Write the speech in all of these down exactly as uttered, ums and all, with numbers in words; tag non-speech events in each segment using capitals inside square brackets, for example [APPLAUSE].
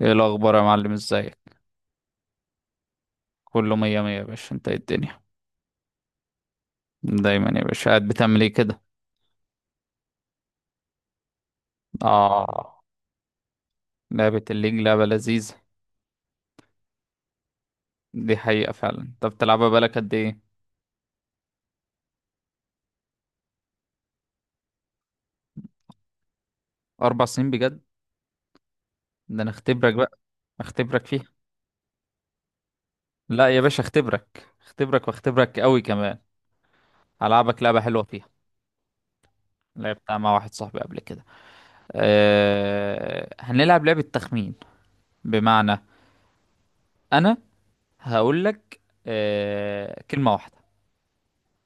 ايه الاخبار يا معلم؟ ازيك؟ كله مية مية يا باشا. انت ايه الدنيا دايما يا باشا؟ قاعد بتعمل ايه كده؟ اه. لعبة الليج لعبة لذيذة. دي حقيقة فعلا. انت بتلعبها بقالك قد ايه؟ اربع سنين بجد؟ ده انا اختبرك بقى. اختبرك فيها. لا يا باشا، اختبرك اختبرك واختبرك قوي كمان. هلعبك لعبة حلوة فيها. لعبتها مع واحد صاحبي قبل كده. أه... هنلعب لعبة تخمين. بمعنى انا هقول لك أه... كلمة واحدة.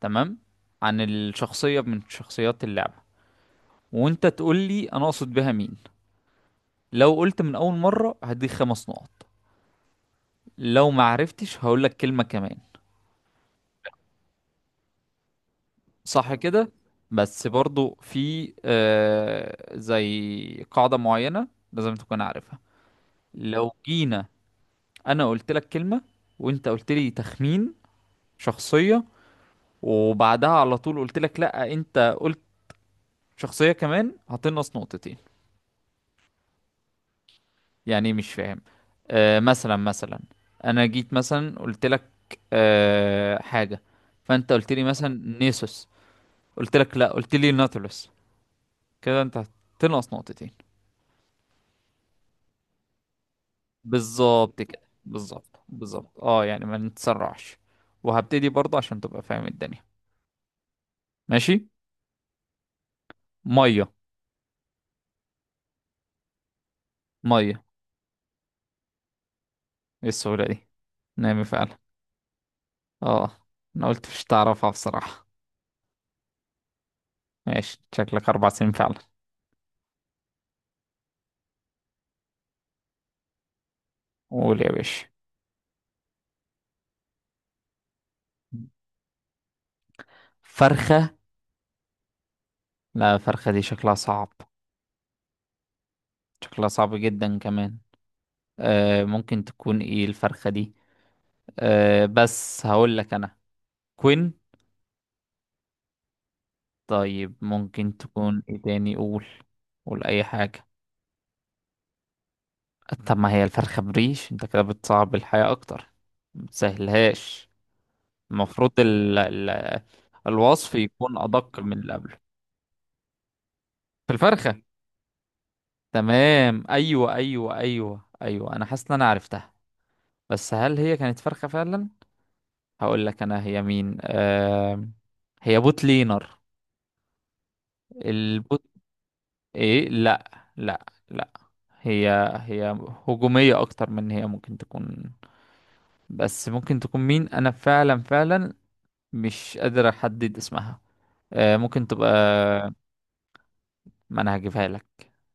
تمام. عن الشخصية من شخصيات اللعبة، وانت تقول لي انا اقصد بها مين. لو قلت من اول مرة هديك خمس نقط. لو ما عرفتش هقول لك كلمة كمان. صح كده. بس برضو في آه زي قاعدة معينة لازم تكون عارفها. لو جينا انا قلت لك كلمة، وانت قلت لي تخمين شخصية، وبعدها على طول قلت لك لا انت قلت شخصية كمان، هتنقص نقطتين. يعني إيه مش فاهم؟ آه مثلا مثلا، انا جيت مثلا قلت لك آه حاجه، فانت قلت لي مثلا نيسوس، قلت لك لا قلت لي ناتولوس، كده انت هتنقص نقطتين. بالظبط كده، بالظبط بالظبط. اه يعني ما نتسرعش. وهبتدي برضه عشان تبقى فاهم الدنيا. ماشي. ميه. ميه. ايه السهوله دي؟ نامي فعلا. اه. انا قلت مش تعرفها بصراحه. ماشي، شكلك اربع سنين فعلا. قول يا باشا. فرخه؟ لا الفرخة دي شكلها صعب. شكلها صعب جدا كمان. آه ممكن تكون ايه الفرخة دي؟ آه بس هقول لك انا، كوين. طيب ممكن تكون ايه تاني؟ قول. قول اي حاجة. طب ما هي الفرخة بريش، انت كده بتصعب الحياة اكتر. متسهلهاش. المفروض ال ال الوصف يكون ادق من اللي قبله. في الفرخة. تمام. ايوه ايوه ايوه ايوه، انا حاسس ان انا عرفتها. بس هل هي كانت فرخة فعلا؟ هقول لك انا هي مين. آه هي بوت لينر. البوت. ايه؟ لا لا لا. هي هي هجومية اكتر من هي ممكن تكون. بس ممكن تكون مين؟ انا فعلا فعلا مش قادر احدد اسمها. آه ممكن تبقى. ما انا هجيبها لك.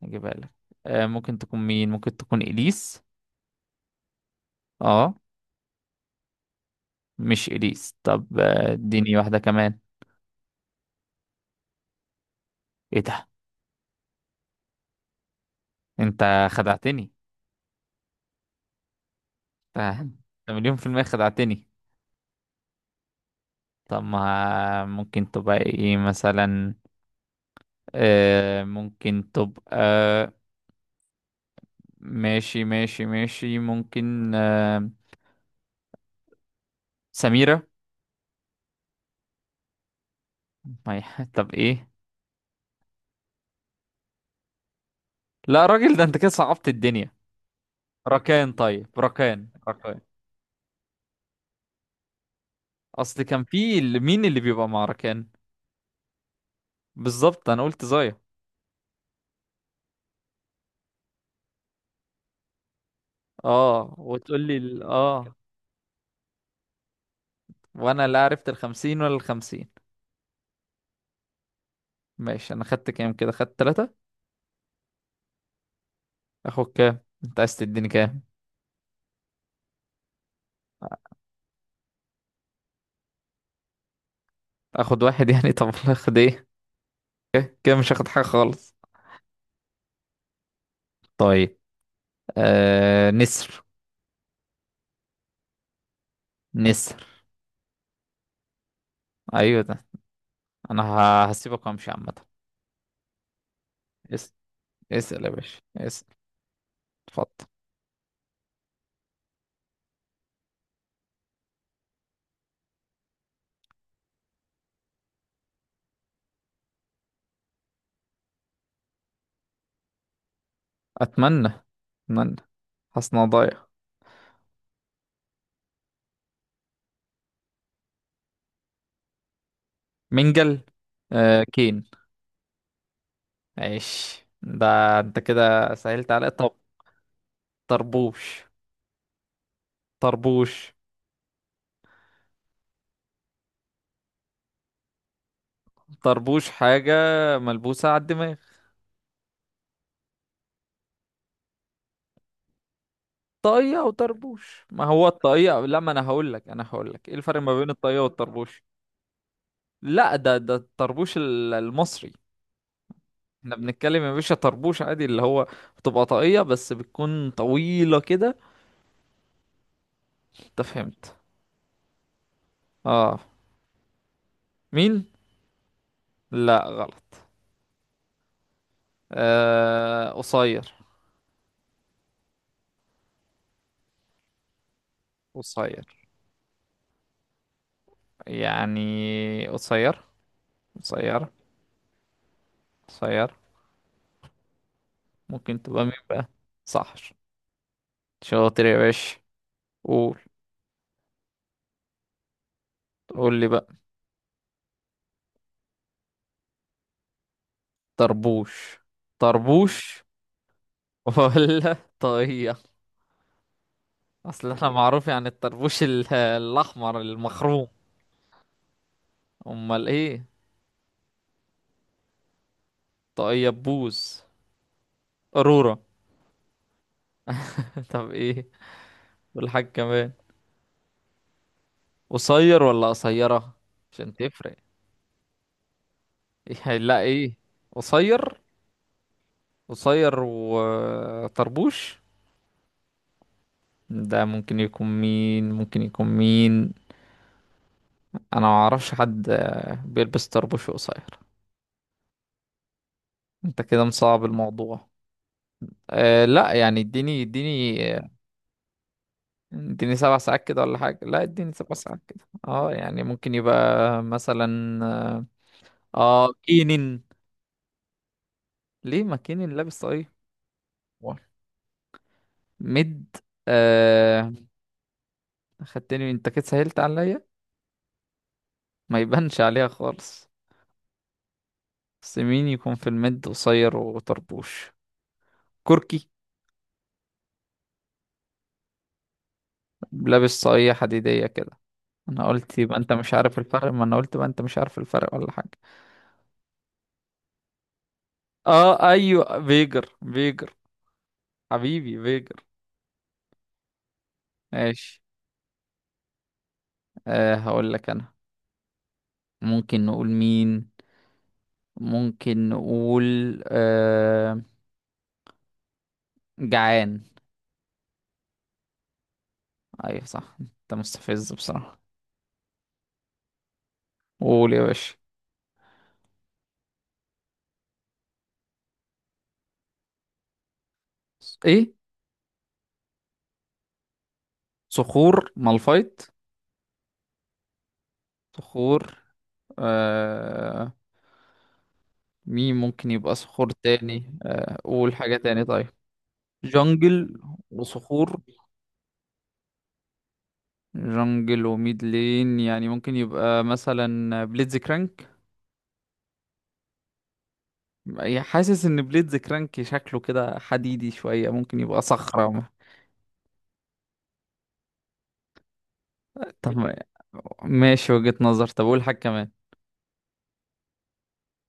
هجيبها لك. آه ممكن تكون مين؟ ممكن تكون اليس؟ اه. مش اليس. طب، آه، اديني واحدة كمان. ايه ده؟ انت خدعتني. انت أنت مليون في المية خدعتني. طب ما ممكن تبقى ايه مثلا؟ آه ممكن تبقى. ماشي ماشي ماشي. ممكن آه سميرة. ما هي- [LAUGHS] طب ايه؟ لا راجل، ده انت كده صعبت الدنيا. ركان؟ طيب ركان. ركان. اصل كان في ال- مين اللي بيبقى مع ركان؟ بالظبط، انا قلت زايا. اه. وتقول لي ال- اه وانا لا عرفت الخمسين ولا الخمسين. ماشي. انا خدت كام كده؟ خدت تلاتة؟ اخد كام؟ انت عايز تديني كام؟ اخد واحد. [LAUGHS] يعني طب والله اخد ايه؟ كده مش هاخد حاجة خالص. طيب. آه... نسر. نسر. ايوه ده. انا ه- هسيبك وامشي عامة. اس... اسأل يا باشا. اسأل. اتفضل. اتمنى. اتمنى. حسنا ضايع. منجل. آه... كين. عيش ده. انت كده سهلت عليا. طب طربوش. طربوش. طربوش حاجة ملبوسة على الدماغ. طاقية وطربوش؟ ما هو الطاقية لا، ما انا هقول لك انا هقول لك ايه الفرق ما بين الطاقية والطربوش. لا ده ده الطربوش ال- المصري. احنا بنتكلم يا باشا طربوش عادي اللي هو بتبقى طاقية بس بتكون طويلة كده. انت فهمت؟ اه. مين؟ لا غلط. آه قصير. قصير. يعني قصير. قصير. قصير. ممكن تبقى مين بقى؟ صح. شاطر يا باشا. قول. قول لي بقى. طربوش. طربوش. [LAUGHS] ولا طاقية؟ اصل احنا معروف يعني الطربوش ال- الاحمر المخروم. امال ايه؟ طاقية بوز. قرورة. طب ايه؟ والحاج كمان؟ قصير ولا قصيرة؟ عشان تفرق. إيه لا ايه؟ قصير. قصير وطربوش. ده ممكن يكون مين؟ ممكن يكون مين؟ انا ما اعرفش حد آه، بيلبس طربوش وقصير. انت كده مصعب الموضوع. أه لا يعني اديني. اديني. اديني سبع ساعات كده ولا حاجة. لا اديني سبع ساعات كده. اه يعني ممكن يبقى مثلا. اه. آه، كينن. ليه ما كينن لابس طاقية؟ ميد. آه. خدتني. انت كده سهلت عليا. ما يبانش عليها خالص. بس مين يكون في الميد قصير وطربوش؟ كركي؟ لابس صاية حديدية كده. انا قلت يبقى انت مش عارف الفرق. ما انا قلت بقى انت مش عارف الفرق ولا حاجة. اه. ايوه فيجر. فيجر. حبيبي فيجر. ماشي. آه هقول لك انا. ممكن نقول مين؟ ممكن نقول آه جعان. ايوه صح. انت مستفز بصراحة. قول يا باشا. ايه؟ صخور مالفايت. صخور. آه مين ممكن يبقى صخور تاني؟ آه قول حاجة تاني. طيب. جنجل وصخور. جنجل وميد لين، يعني ممكن يبقى مثلا بليدز كرانك. يعني حاسس ان بليدز كرانك شكله كده حديدي شوية، ممكن يبقى صخرة. طب ماشي، وجهة نظر. طب قول حاجة كمان.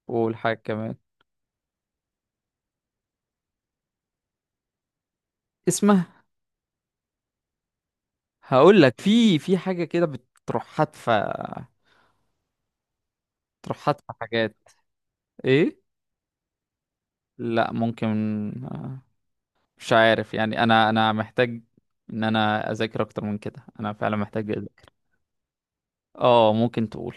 قول حاجة كمان. اسمها. هقول لك في في حاجة كده بتروح حادفة. تروح حادفة حاجات. ايه؟ لا ممكن. آه، مش عارف يعني انا انا محتاج ان انا اذاكر اكتر من كده. انا فعلا محتاج اذاكر. اه ممكن تقول.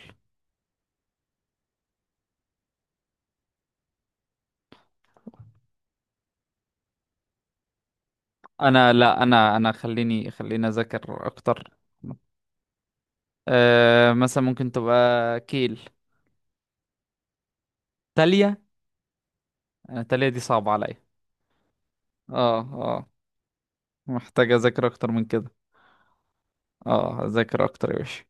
انا لا، انا انا خليني خليني اذاكر اكتر. أه مثلا ممكن تبقى كيل. تالية. أنا تالية دي صعبة عليا. اه اه محتاج اذاكر اكتر من كده. اه اذاكر اكتر يا باشا.